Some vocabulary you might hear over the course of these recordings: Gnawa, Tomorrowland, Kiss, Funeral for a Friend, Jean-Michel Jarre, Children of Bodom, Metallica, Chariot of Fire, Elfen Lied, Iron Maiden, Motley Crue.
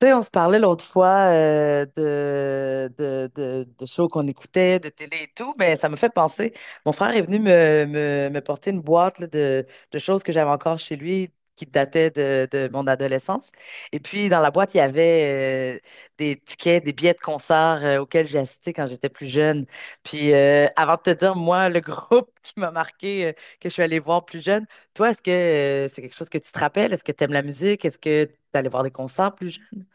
Tu sais, on se parlait l'autre fois de shows qu'on écoutait, de télé et tout, mais ça me fait penser. Mon frère est venu me porter une boîte là, de choses que j'avais encore chez lui qui dataient de mon adolescence. Et puis, dans la boîte, il y avait des tickets, des billets de concerts auxquels j'ai assisté quand j'étais plus jeune. Puis, avant de te dire, moi, le groupe qui m'a marqué, que je suis allée voir plus jeune, toi, est-ce que c'est quelque chose que tu te rappelles? Est-ce que tu aimes la musique? Est-ce que tu allé voir des concerts plus jeunes?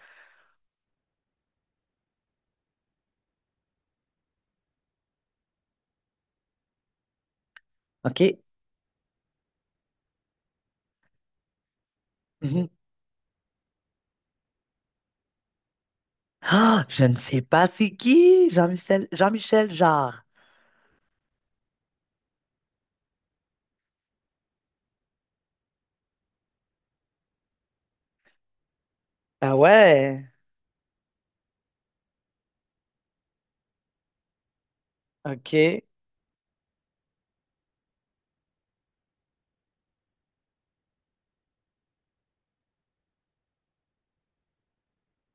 OK. Mhm. Ah, je ne sais pas c'est qui, Jean-Michel Jarre. Ah ouais, ok,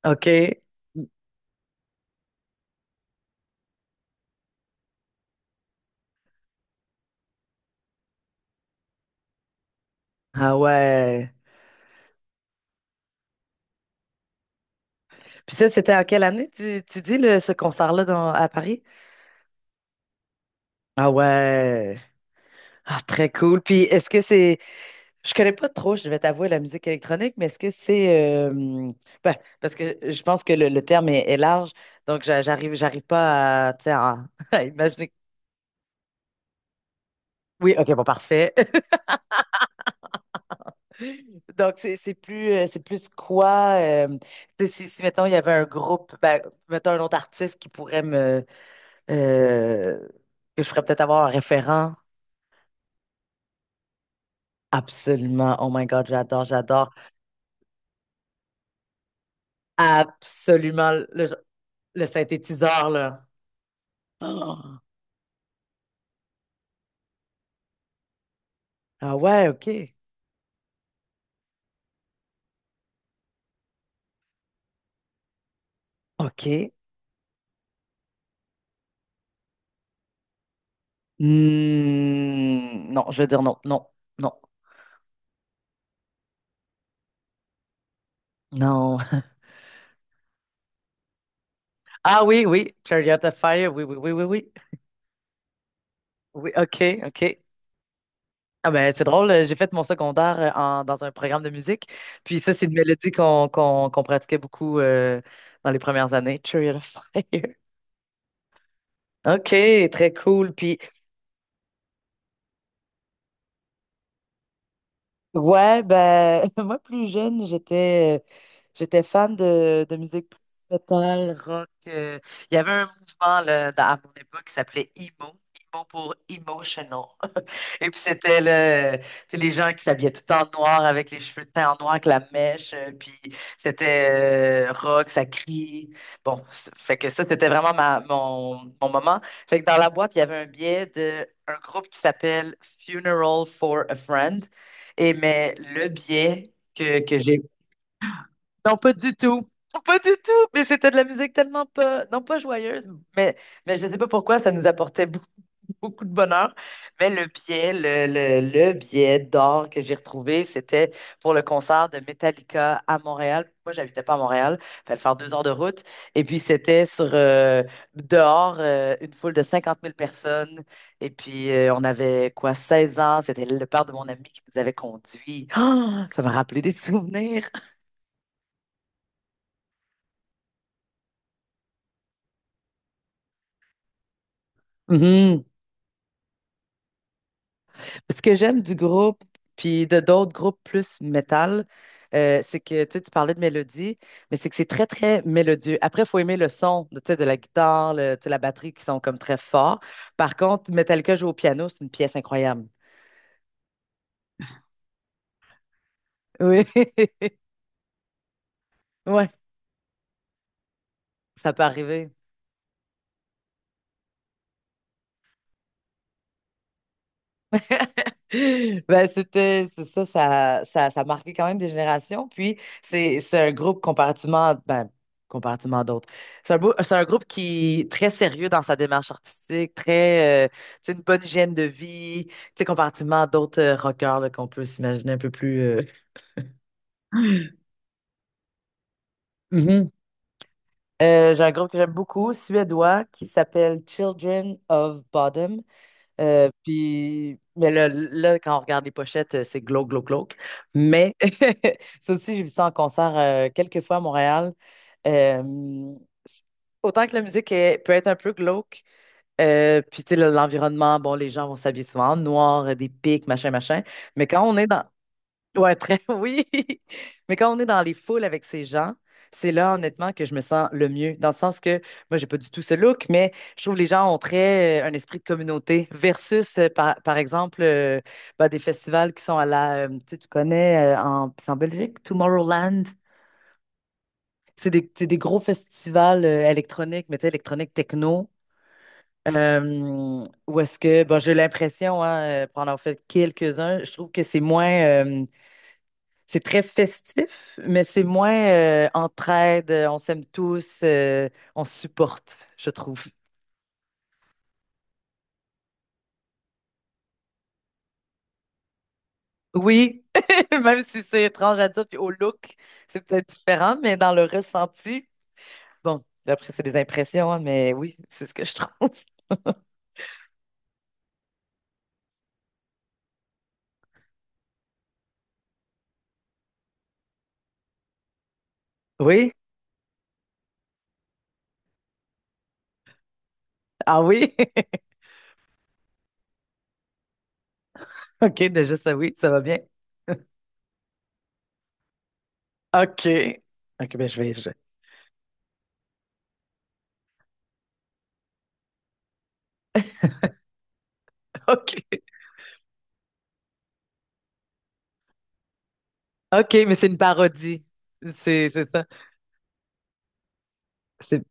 ok. Ah ouais. Puis ça, c'était en quelle année, tu dis, ce concert-là à Paris? Ah ouais. Ah, très cool. Puis est-ce que c'est... Je connais pas trop, je vais t'avouer, la musique électronique, mais est-ce que c'est... ben, parce que je pense que le terme est large, donc j'arrive pas à, tu sais, à, à imaginer... Oui, OK, bon, parfait. Donc, c'est plus, c'est plus quoi, tu sais, si, mettons, il y avait un groupe, ben, mettons, un autre artiste qui pourrait me, euh, que je ferais peut-être avoir un référent. Absolument. Oh my God, j'adore, j'adore. Absolument le synthétiseur, là. Oh. Ah ouais, OK. OK. Hmm, non, je veux dire non, non, non, non. Ah oui, oui, Chariot of Fire, oui, oui, oui, oui, oui. Oui, OK, OK. Ah ben, c'est drôle, j'ai fait mon secondaire dans un programme de musique. Puis ça, c'est une mélodie qu'on pratiquait beaucoup dans les premières années. Chariot of Fire. OK, très cool. Puis, ouais, ben, moi plus jeune, j'étais fan de musique plus metal, rock. Il y avait un mouvement là, à mon époque qui s'appelait emo, emo pour emotional. Et puis c'était le, tu sais, les gens qui s'habillaient tout en noir avec les cheveux teints en noir avec la mèche. Puis c'était rock, ça crie. Bon, fait que ça, c'était vraiment mon moment. Fait que dans la boîte, il y avait un billet de un groupe qui s'appelle Funeral for a Friend. Et mais le biais que j'ai. Non, pas du tout. Pas du tout. Mais c'était de la musique tellement pas. Non, pas joyeuse, mais, mais je sais pas pourquoi ça nous apportait beaucoup beaucoup de bonheur. Mais le billet, le billet d'or que j'ai retrouvé, c'était pour le concert de Metallica à Montréal. Moi, j'habitais pas à Montréal, fallait faire 2 heures de route. Et puis, c'était sur dehors, une foule de 50 000 personnes. Et puis, on avait quoi, 16 ans. C'était le père de mon ami qui nous avait conduits. Ah, ça m'a rappelé des souvenirs. Ce que j'aime du groupe, puis de d'autres groupes plus métal, c'est que tu sais, tu parlais de mélodie, mais c'est que c'est très, très mélodieux. Après, il faut aimer le son tu sais, de la guitare, tu sais, la batterie qui sont comme très forts. Par contre, Metallica joue au piano, c'est une pièce incroyable. Oui, ouais, ça peut arriver. Ben, c'est ça a marqué quand même des générations. Puis, c'est un groupe comparativement, ben, comparativement à d'autres. C'est un groupe qui est très sérieux dans sa démarche artistique, très, c'est une bonne hygiène de vie, tu sais, comparativement à d'autres rockers là, qu'on peut s'imaginer un peu plus. Mhm. J'ai un groupe que j'aime beaucoup, suédois, qui s'appelle Children of Bodom. Puis, mais quand on regarde les pochettes, c'est glauque, glauque, glauque. Mais ça aussi, j'ai vu ça en concert quelques fois à Montréal. Euh, c- Autant que la musique peut être un peu glauque, puis tu sais, l'environnement, bon, les gens vont s'habiller souvent en noir, des pics, machin, machin. Mais quand on est dans, ouais, très, oui. Mais quand on est dans les foules avec ces gens, c'est là, honnêtement, que je me sens le mieux. Dans le sens que, moi, j'ai pas du tout ce look, mais je trouve que les gens ont très un esprit de communauté versus, par exemple, bah, des festivals qui sont à la, tu sais, tu connais, c'est en Belgique, Tomorrowland. C'est des gros festivals électroniques, mais tu sais, électroniques techno. Où est-ce que, bon, j'ai l'impression, hein, pour en avoir fait quelques-uns, je trouve que c'est moins. C'est très festif, mais c'est moins entraide, on s'aime tous, on se supporte, je trouve. Oui, même si c'est étrange à dire, puis au look, c'est peut-être différent, mais dans le ressenti, bon, après, c'est des impressions, hein, mais oui, c'est ce que je trouve. Oui, ah oui, ok, déjà ça, oui, ça va bien. Ok, ok, ben je vais. Ok, ok, mais c'est une parodie, c'est ça. C'est.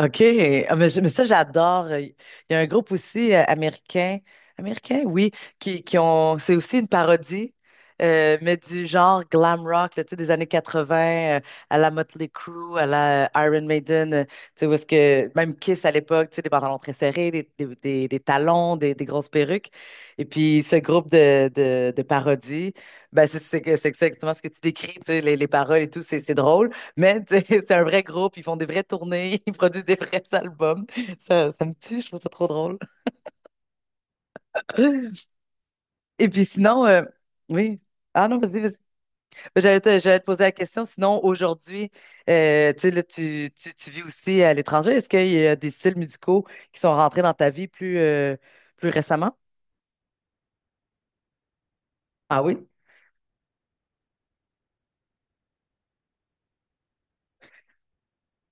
OK. Ah, mais, mais ça, j'adore. Il y a un groupe aussi américain, américain, oui, qui ont, c'est aussi une parodie, mais du genre glam rock, là, tu sais, des années 80, à la Motley Crue, à la Iron Maiden, tu sais, où est-ce que, même Kiss à l'époque, tu sais, des pantalons très serrés, des talons, des grosses perruques. Et puis, ce groupe de parodies, ben, c'est exactement ce que tu décris, tu sais, les paroles et tout, c'est drôle. Mais tu sais, c'est un vrai groupe, ils font des vraies tournées, ils produisent des vrais albums. Ça me tue, je trouve ça trop drôle. Et puis sinon, oui. Ah non, vas-y, vas-y. Ben, j'allais te poser la question. Sinon, aujourd'hui, tu sais, là, tu vis aussi à l'étranger. Est-ce qu'il y a des styles musicaux qui sont rentrés dans ta vie plus, plus récemment? Ah oui?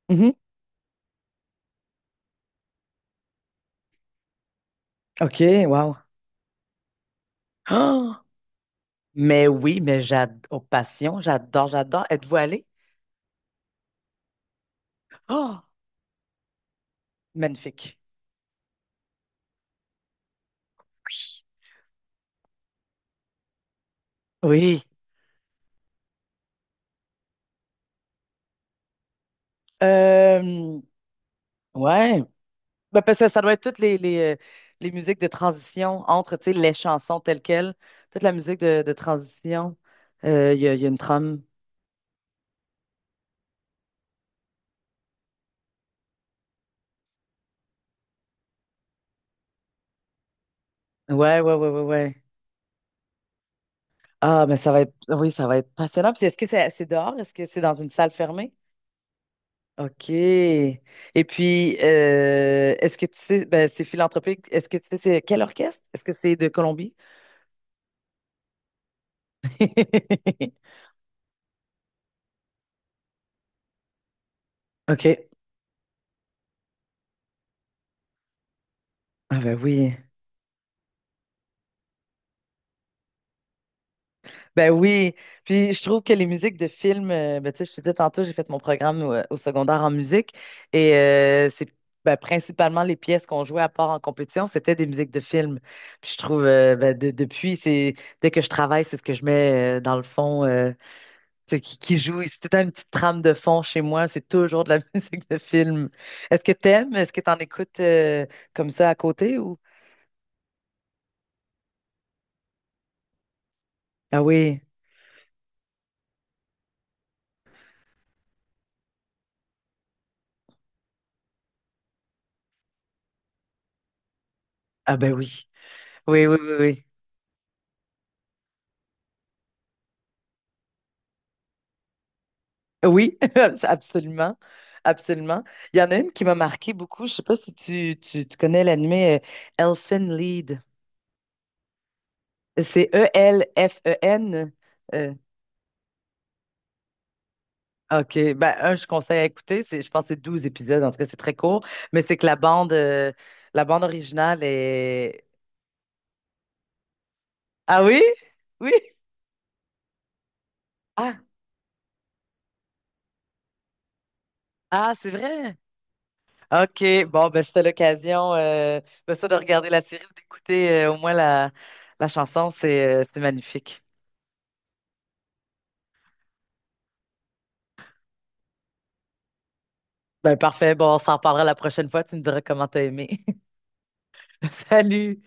Mhm. OK, wow. Oh, mais oui, mais j'adore, passion, j'adore, j'adore. Êtes-vous allé? Oh, magnifique. Oui. Oui. Euh, ouais. Ben, parce que ça doit être toutes les musiques de transition entre, tu sais, les chansons telles quelles. Toute la musique de transition. Il y a une trame. Ouais, ouais, ouais, ouais, ouais. Ah, mais ça va être, oui, ça va être passionnant. Puis est-ce que c'est dehors? Est-ce que c'est dans une salle fermée? OK. Et puis, est-ce que tu sais, ben, c'est philanthropique, est-ce que tu sais, c'est quel orchestre? Est-ce que c'est de Colombie? OK. Ah ben oui. Ben oui, puis je trouve que les musiques de films, ben, tu sais, je te disais tantôt, j'ai fait mon programme au secondaire en musique et c'est ben, principalement les pièces qu'on jouait à part en compétition, c'était des musiques de films. Puis je trouve, ben, depuis, c'est dès que je travaille, c'est ce que je mets dans le fond, tu sais, qui joue. C'est tout le temps une petite trame de fond chez moi, c'est toujours de la musique de film. Est-ce que t'aimes? Est-ce que t'en écoutes comme ça à côté ou? Ah oui, ah ben oui, oui, oui, oui, oui. Oui, absolument. Absolument. Il y en a une qui m'a marqué beaucoup. Je sais pas si tu connais l'animé Elfen Lied. C'est Elfen. euh, OK. Ben, un, je conseille à écouter. C'est, je pense que c'est 12 épisodes. En tout cas, c'est très court. Mais c'est que la bande originale est. Ah oui? Oui? Ah, ah, c'est vrai? OK. Bon, ben, c'était l'occasion, ben, ça, de regarder la série ou d'écouter au moins la chanson. C'est magnifique. Ben parfait, bon, on s'en reparlera la prochaine fois, tu me diras comment t'as aimé. Salut!